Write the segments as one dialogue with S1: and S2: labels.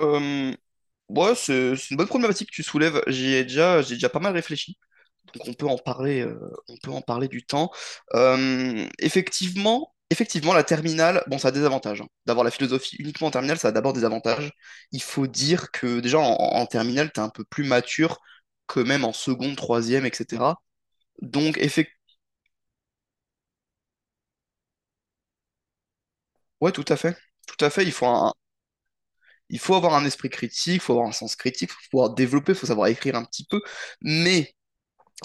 S1: Euh, ouais, c'est une bonne problématique que tu soulèves. J'ai déjà pas mal réfléchi. Donc on peut en parler du temps. Effectivement, la terminale, bon, ça a des avantages, hein. D'avoir la philosophie uniquement en terminale, ça a d'abord des avantages. Il faut dire que déjà en terminale, t'es un peu plus mature que même en seconde, troisième, etc. Donc effectivement, ouais, tout à fait, tout à fait. Il faut avoir un esprit critique, il faut avoir un sens critique, il faut pouvoir développer, il faut savoir écrire un petit peu, mais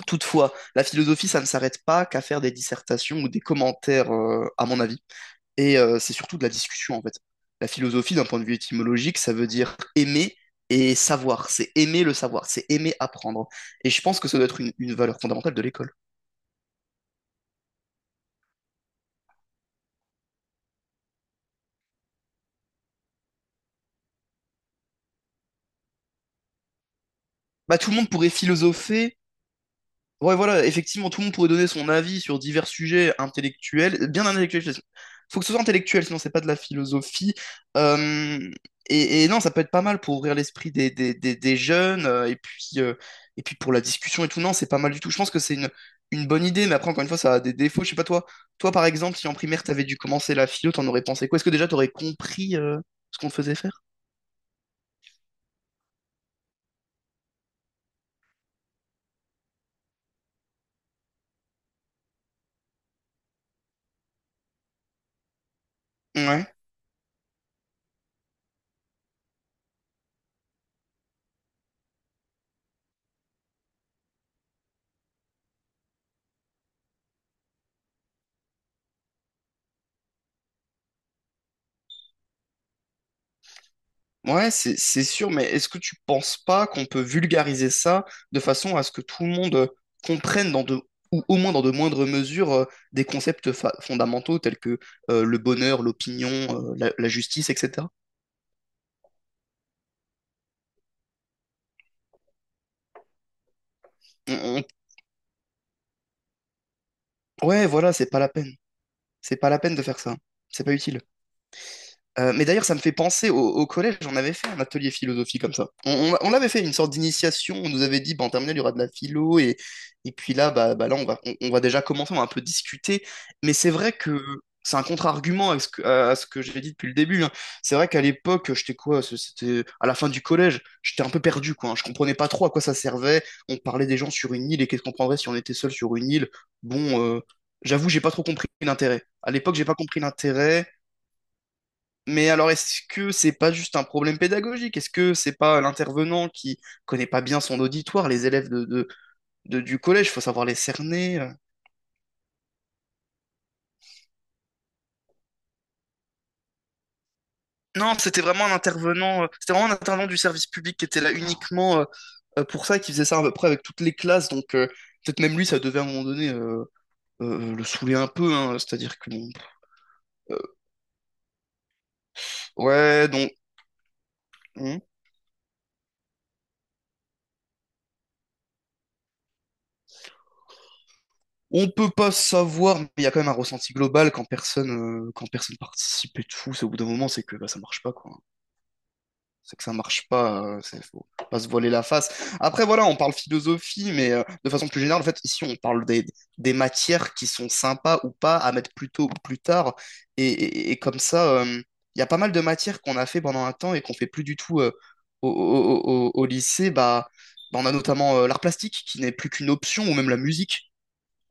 S1: toutefois, la philosophie, ça ne s'arrête pas qu'à faire des dissertations ou des commentaires, à mon avis. Et c'est surtout de la discussion, en fait. La philosophie, d'un point de vue étymologique, ça veut dire aimer et savoir. C'est aimer le savoir, c'est aimer apprendre. Et je pense que ça doit être une valeur fondamentale de l'école. Bah, tout le monde pourrait philosopher. Ouais, voilà, effectivement, tout le monde pourrait donner son avis sur divers sujets intellectuels, bien intellectuels. Faut que ce soit intellectuel, sinon c'est pas de la philosophie. Euh, et non, ça peut être pas mal pour ouvrir l'esprit des jeunes, et puis pour la discussion et tout. Non, c'est pas mal du tout. Je pense que c'est une bonne idée, mais après, encore une fois, ça a des défauts. Je sais pas, toi par exemple, si en primaire t'avais dû commencer la philo, t'en aurais pensé quoi? Est-ce que déjà t'aurais compris ce qu'on te faisait faire? Ouais. Ouais, c'est sûr, mais est-ce que tu penses pas qu'on peut vulgariser ça de façon à ce que tout le monde comprenne dans de, ou au moins dans de moindres mesures, des concepts fondamentaux tels que le bonheur, l'opinion, la justice, etc. On- on- Ouais, voilà, c'est pas la peine. C'est pas la peine de faire ça. C'est pas utile. Mais d'ailleurs, ça me fait penser au collège, on avait fait un atelier philosophie comme ça. On avait fait une sorte d'initiation, on nous avait dit, bah, en terminale, il y aura de la philo, et puis là, bah là on va déjà commencer, on va un peu discuter. Mais c'est vrai que c'est un contre-argument à ce que j'ai dit depuis le début, hein. C'est vrai qu'à l'époque, j'étais quoi, c'était à la fin du collège, j'étais un peu perdu, quoi, hein. Je comprenais pas trop à quoi ça servait. On parlait des gens sur une île, et qu'est-ce qu'on prendrait si on était seul sur une île? Bon, j'avoue, j'ai pas trop compris l'intérêt. À l'époque, j'ai pas compris l'intérêt. Mais alors, est-ce que c'est pas juste un problème pédagogique? Est-ce que c'est pas l'intervenant qui connaît pas bien son auditoire, les élèves du collège, faut savoir les cerner. Non, c'était vraiment un c'était vraiment un intervenant du service public qui était là uniquement pour ça, qui faisait ça à peu près avec toutes les classes. Donc, peut-être même lui, ça devait à un moment donné le saouler un peu, hein. C'est-à-dire que bon, euh, ouais, donc on on peut pas savoir, mais il y a quand même un ressenti global quand personne participe et tout. C'est au bout d'un moment, c'est que bah, ça marche pas quoi. C'est que ça marche pas, c'est faut pas se voiler la face. Après, voilà, on parle philosophie, mais de façon plus générale, en fait, ici, on parle des matières qui sont sympas ou pas à mettre plus tôt ou plus tard. Et comme ça, il y a pas mal de matières qu'on a fait pendant un temps et qu'on fait plus du tout au lycée. Bah, on a notamment l'art plastique qui n'est plus qu'une option, ou même la musique.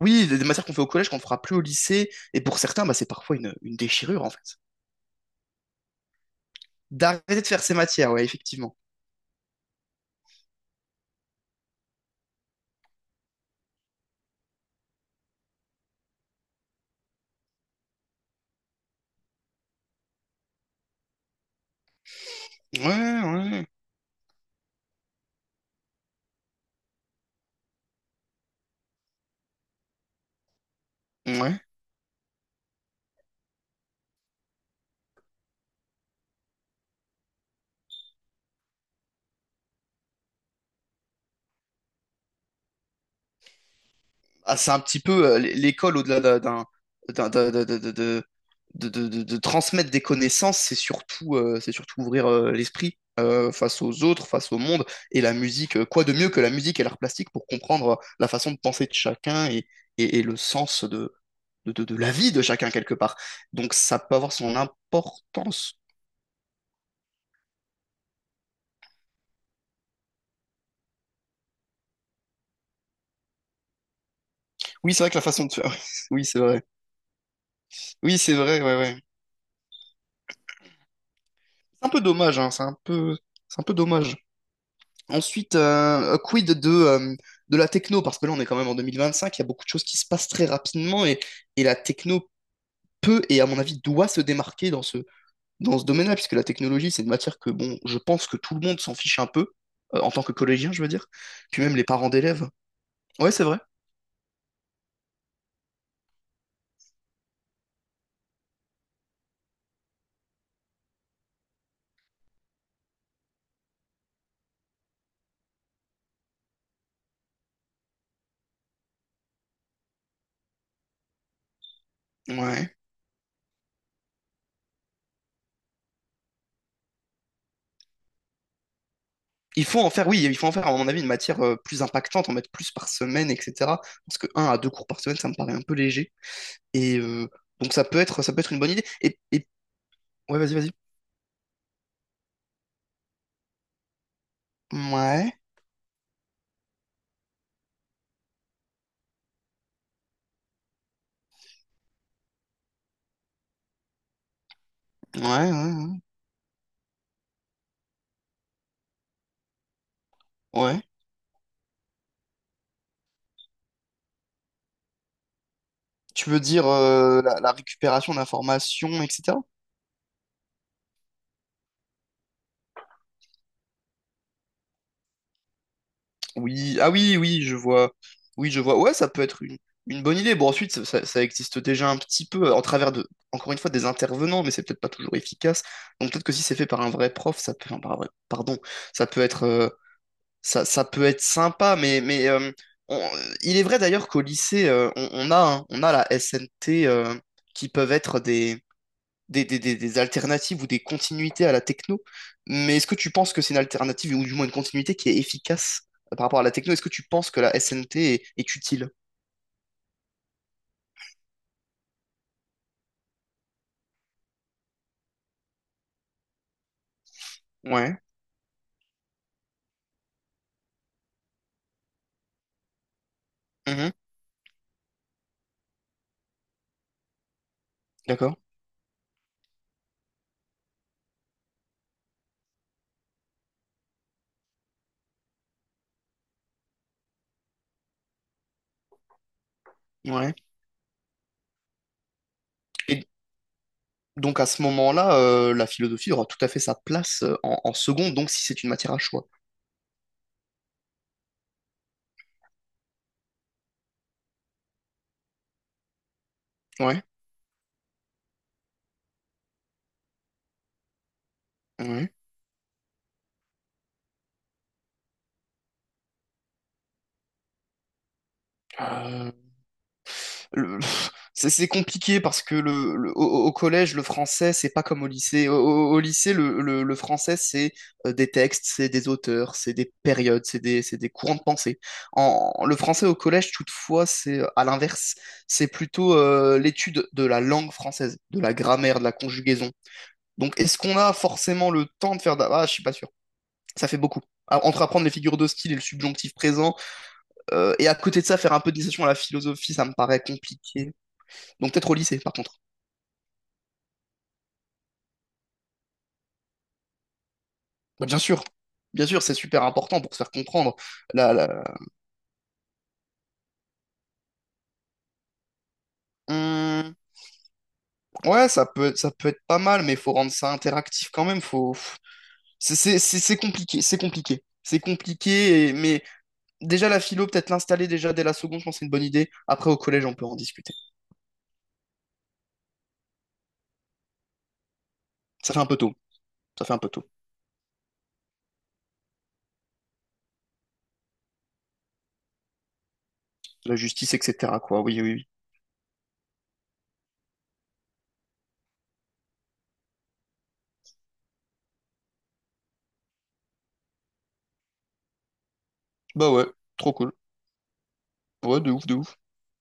S1: Oui, des matières qu'on fait au collège qu'on ne fera plus au lycée. Et pour certains, bah, c'est parfois une déchirure, en fait. D'arrêter de faire ces matières, ouais, effectivement. Ouais, ouais. Ouais. Ah, c'est un petit peu, l'école au-delà d'un, d'un- d'un- d'un- de transmettre des connaissances, c'est surtout, c'est surtout ouvrir l'esprit, face aux autres, face au monde. Et la musique, quoi de mieux que la musique et l'art plastique pour comprendre la façon de penser de chacun et le sens de la vie de chacun quelque part. Donc ça peut avoir son importance. Oui, c'est vrai que la façon de faire. Oui, c'est vrai. Oui, c'est vrai, ouais, ouais. C'est un peu dommage, hein, c'est un peu dommage. Ensuite, quid de la techno, parce que là on est quand même en 2025, il y a beaucoup de choses qui se passent très rapidement et la techno peut et à mon avis doit se démarquer dans dans ce domaine-là, puisque la technologie c'est une matière que bon, je pense que tout le monde s'en fiche un peu, en tant que collégien je veux dire, puis même les parents d'élèves. Ouais, c'est vrai. Ouais. Il faut en faire, oui, il faut en faire à mon avis une matière plus impactante, en mettre plus par semaine, etc. Parce que un à deux cours par semaine, ça me paraît un peu léger. Et euh, donc ça peut ça peut être une bonne idée. Ouais, vas-y, vas-y. Ouais. Ouais, ouais, ouais, ouais. Tu veux dire la récupération d'informations, etc. Oui, ah oui, oui, je vois. Oui, je vois. Ouais, ça peut être une bonne idée. Bon, ensuite, ça existe déjà un petit peu en travers de, encore une fois, des intervenants, mais c'est peut-être pas toujours efficace. Donc peut-être que si c'est fait par un vrai prof, ça peut, enfin, par un vrai- pardon, ça peut ça peut être sympa. Mais on- il est vrai d'ailleurs qu'au lycée, on a, hein, on a la SNT qui peuvent être des alternatives ou des continuités à la techno. Mais est-ce que tu penses que c'est une alternative ou du moins une continuité qui est efficace par rapport à la techno? Est-ce que tu penses que la SNT est utile? Ouais. Mhm. D'accord. Ouais. Et donc à ce moment-là, la philosophie aura tout à fait sa place en seconde, donc si c'est une matière à choix. Ouais. Ouais. Euh, le- c'est compliqué parce que au collège, le français, c'est pas comme au lycée. Au lycée, le français, c'est des textes, c'est des auteurs, c'est des périodes, c'est des courants de pensée. Le français au collège, toutefois, c'est à l'inverse. C'est plutôt l'étude de la langue française, de la grammaire, de la conjugaison. Donc, est-ce qu'on a forcément le temps de faire... Ah, je suis pas sûr. Ça fait beaucoup. Ah, entre apprendre les figures de style et le subjonctif présent, et à côté de ça, faire un peu d'initiation à la philosophie, ça me paraît compliqué. Donc peut-être au lycée, par contre. Bah, bien sûr. Bien sûr, c'est super important pour se faire comprendre. La, la- Hum. Ouais, ça peut être pas mal, mais il faut rendre ça interactif quand même. Faut... c'est compliqué, c'est compliqué. C'est compliqué, mais déjà la philo, peut-être l'installer déjà dès la seconde, je pense que c'est une bonne idée. Après, au collège, on peut en discuter. Ça fait un peu tôt. Ça fait un peu tôt. La justice, etc. quoi. Oui, oui, oui. Bah ouais, trop cool. Ouais, de ouf, de ouf.